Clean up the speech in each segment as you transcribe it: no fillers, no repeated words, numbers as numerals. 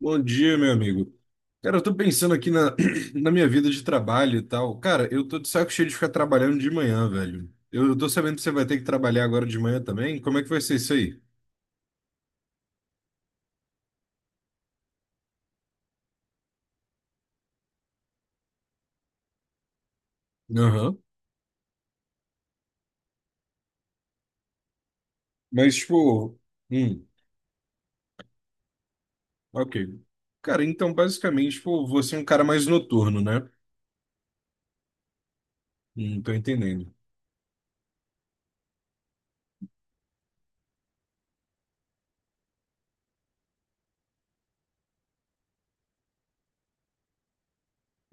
Bom dia, meu amigo. Cara, eu tô pensando aqui na, na minha vida de trabalho e tal. Cara, eu tô de saco cheio de ficar trabalhando de manhã, velho. Eu, tô sabendo que você vai ter que trabalhar agora de manhã também. Como é que vai ser isso aí? Aham. Mas, tipo, hum, ok. Cara, então, basicamente, tipo, você é um cara mais noturno, né? Tô entendendo.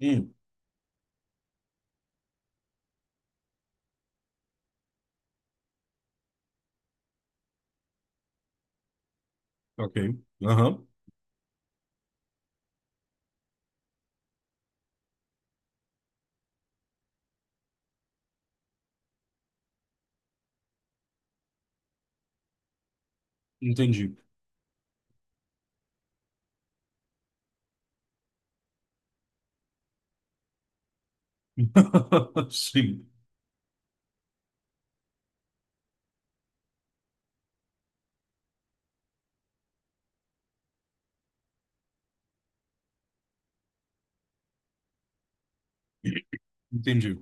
Hum, ok. Aham, entendi. Sim, entendi.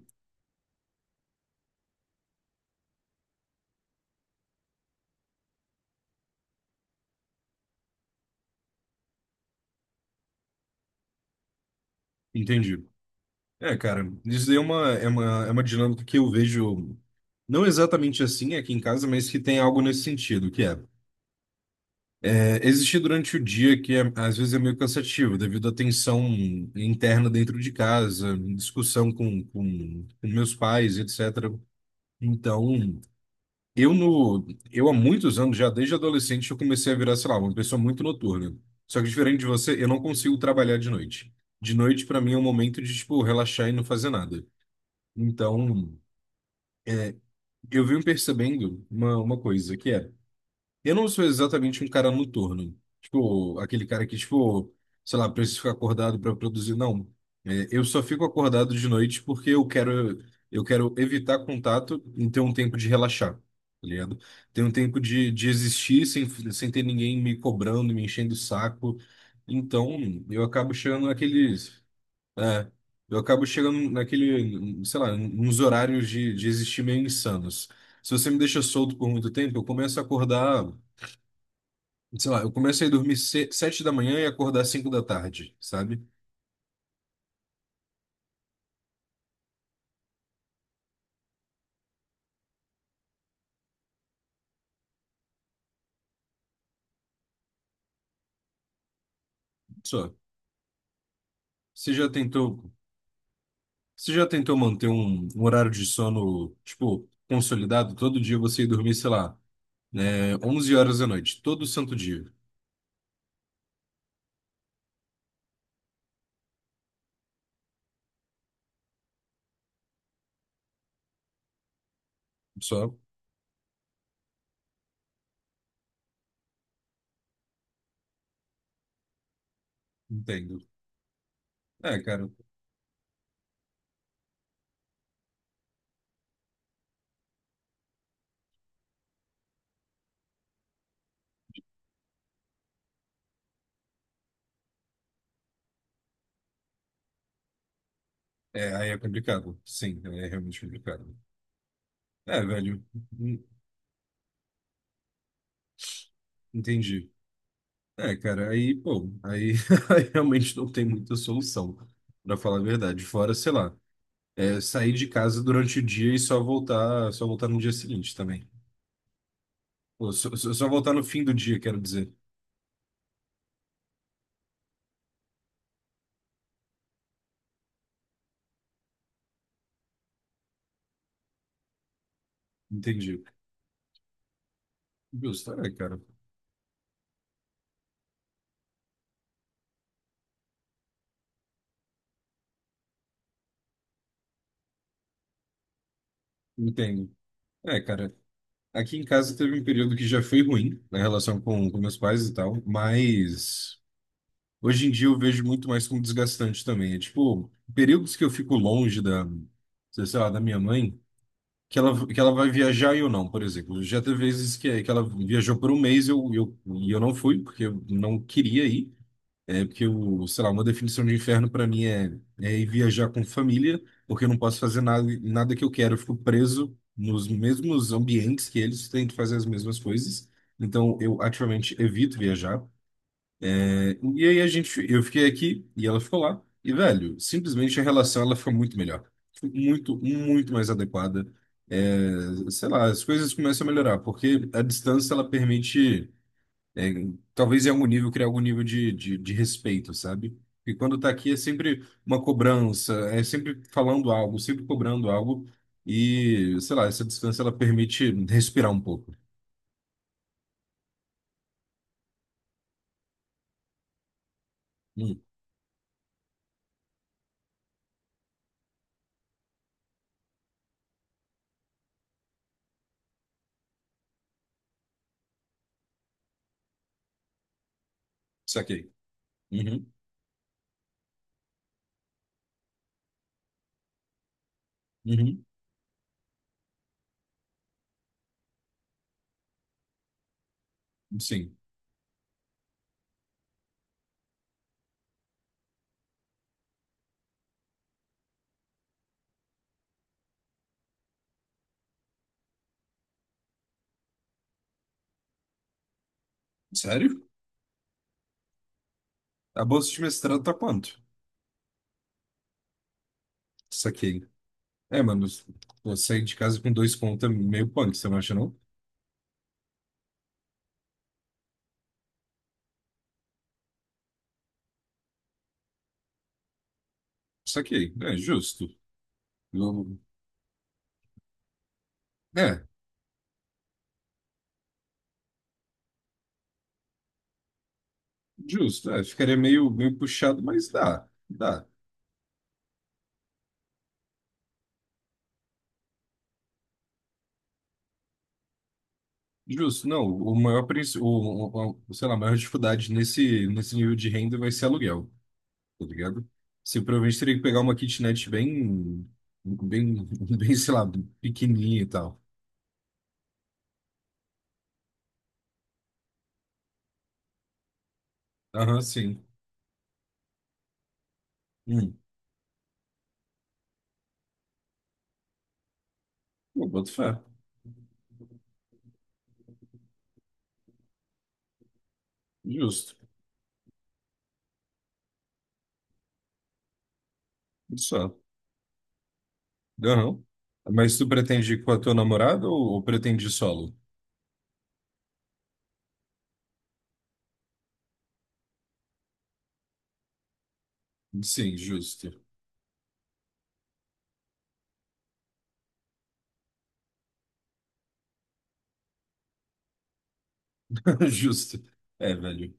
Entendi. É, cara, isso daí é uma, dinâmica que eu vejo, não exatamente assim aqui em casa, mas que tem algo nesse sentido, é existir durante o dia, que é- às vezes é meio cansativo, devido à tensão interna dentro de casa, discussão com meus pais, etc. Então, eu no, eu há muitos anos, já desde adolescente, eu comecei a virar, sei lá, uma pessoa muito noturna. Só que diferente de você, eu não consigo trabalhar de noite. De noite, para mim, é um momento de, tipo, relaxar e não fazer nada. Então. Eu vim percebendo uma coisa, que é, eu não sou exatamente um cara noturno. Tipo, aquele cara que, tipo, sei lá, precisa ficar acordado para produzir. Não. É, eu só fico acordado de noite porque eu quero evitar contato e ter um tempo de relaxar, tá ligado? Ter um tempo de existir sem, sem ter ninguém me cobrando, me enchendo o saco. Então, eu acabo chegando naqueles. É, eu acabo chegando naquele, sei lá, nos horários de existir meio insanos. Se você me deixa solto por muito tempo, eu começo a acordar, sei lá, eu começo a ir dormir 7 da manhã e acordar 5 da tarde, sabe? Só. Você já tentou, Você já tentou manter um, um horário de sono, tipo, consolidado? Todo dia você ir dormir, sei lá, né, 11 horas da noite, todo santo dia. Só, entendo. É, cara, é, aí é complicado. Sim, é realmente complicado. É, velho. Entendi. É, cara, aí, pô, aí, aí realmente não tem muita solução, pra falar a verdade. Fora, sei lá, é, sair de casa durante o dia e só voltar no dia seguinte também. Pô, só, só voltar no fim do dia, quero dizer. Entendi. Justo, é, cara. Entendo. É, cara, aqui em casa teve um período que já foi ruim na relação com meus pais e tal, mas hoje em dia eu vejo muito mais como desgastante também. É tipo, períodos que eu fico longe sei lá, da minha mãe. Que ela, que ela vai viajar e eu não, por exemplo. Já teve vezes que ela viajou por um mês e e eu não fui, porque eu não queria ir. É porque, o sei lá, uma definição de inferno para mim é, é ir viajar com família, porque eu não posso fazer nada, nada que eu quero. Eu fico preso nos mesmos ambientes que eles, tento fazer as mesmas coisas. Então, eu ativamente evito viajar. E aí a gente, eu fiquei aqui e ela ficou lá. E, velho, simplesmente a relação ela ficou muito melhor. Ficou muito, muito mais adequada. É, sei lá, as coisas começam a melhorar, porque a distância ela permite, é, talvez em algum nível, criar algum nível de respeito, sabe? E quando tá aqui é sempre uma cobrança, é sempre falando algo, sempre cobrando algo. E, sei lá, essa distância ela permite respirar um pouco. Hum, saquei. Uhum, uhum, sim. Sério? A bolsa de mestrado tá quanto? Saquei. É, mano, eu saí de casa com 2 contos é meio punk, você não acha, não? Saquei. É, justo. Eu- É, justo. É, ficaria meio, meio puxado, mas dá. Dá. Justo. Não, o maior, princ- o- sei lá, a maior dificuldade nesse, nesse nível de renda vai ser aluguel, tá ligado? Você provavelmente teria que pegar uma kitnet bem, bem, bem, sei lá, pequenininha e tal. Aham, sim. Hum. Eu boto fé. Justo. Isso. Aham. Mas tu pretende com a tua namorada ou pretende solo? Sim, justo. Justo. É, velho.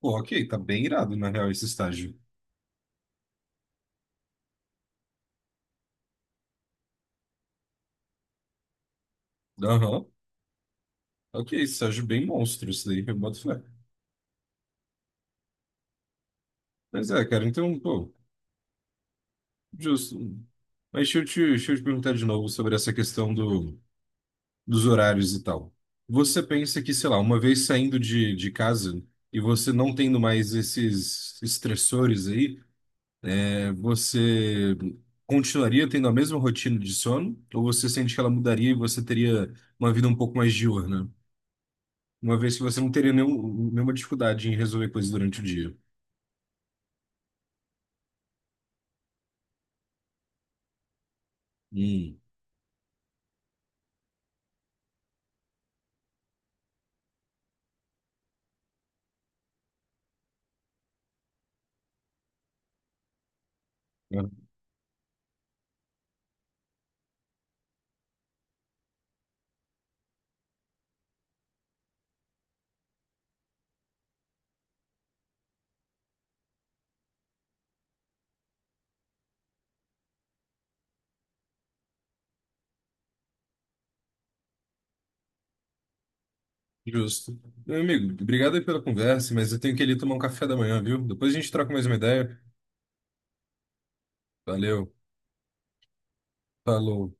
Pô, ok, tá bem irado, na real, esse estágio. Aham. Ok, estágio bem monstro isso daí, eu boto fé. Mas é, cara, então, pô, justo. Mas deixa eu te perguntar de novo sobre essa questão do, dos horários e tal. Você pensa que, sei lá, uma vez saindo de casa e você não tendo mais esses estressores aí, Você continuaria tendo a mesma rotina de sono? Ou você sente que ela mudaria e você teria uma vida um pouco mais diurna? Uma vez que você não teria nenhuma dificuldade em resolver coisas durante o dia. Hum, é, justo. Meu amigo, obrigado aí pela conversa, mas eu tenho que ir ali tomar um café da manhã, viu? Depois a gente troca mais uma ideia. Valeu, falou.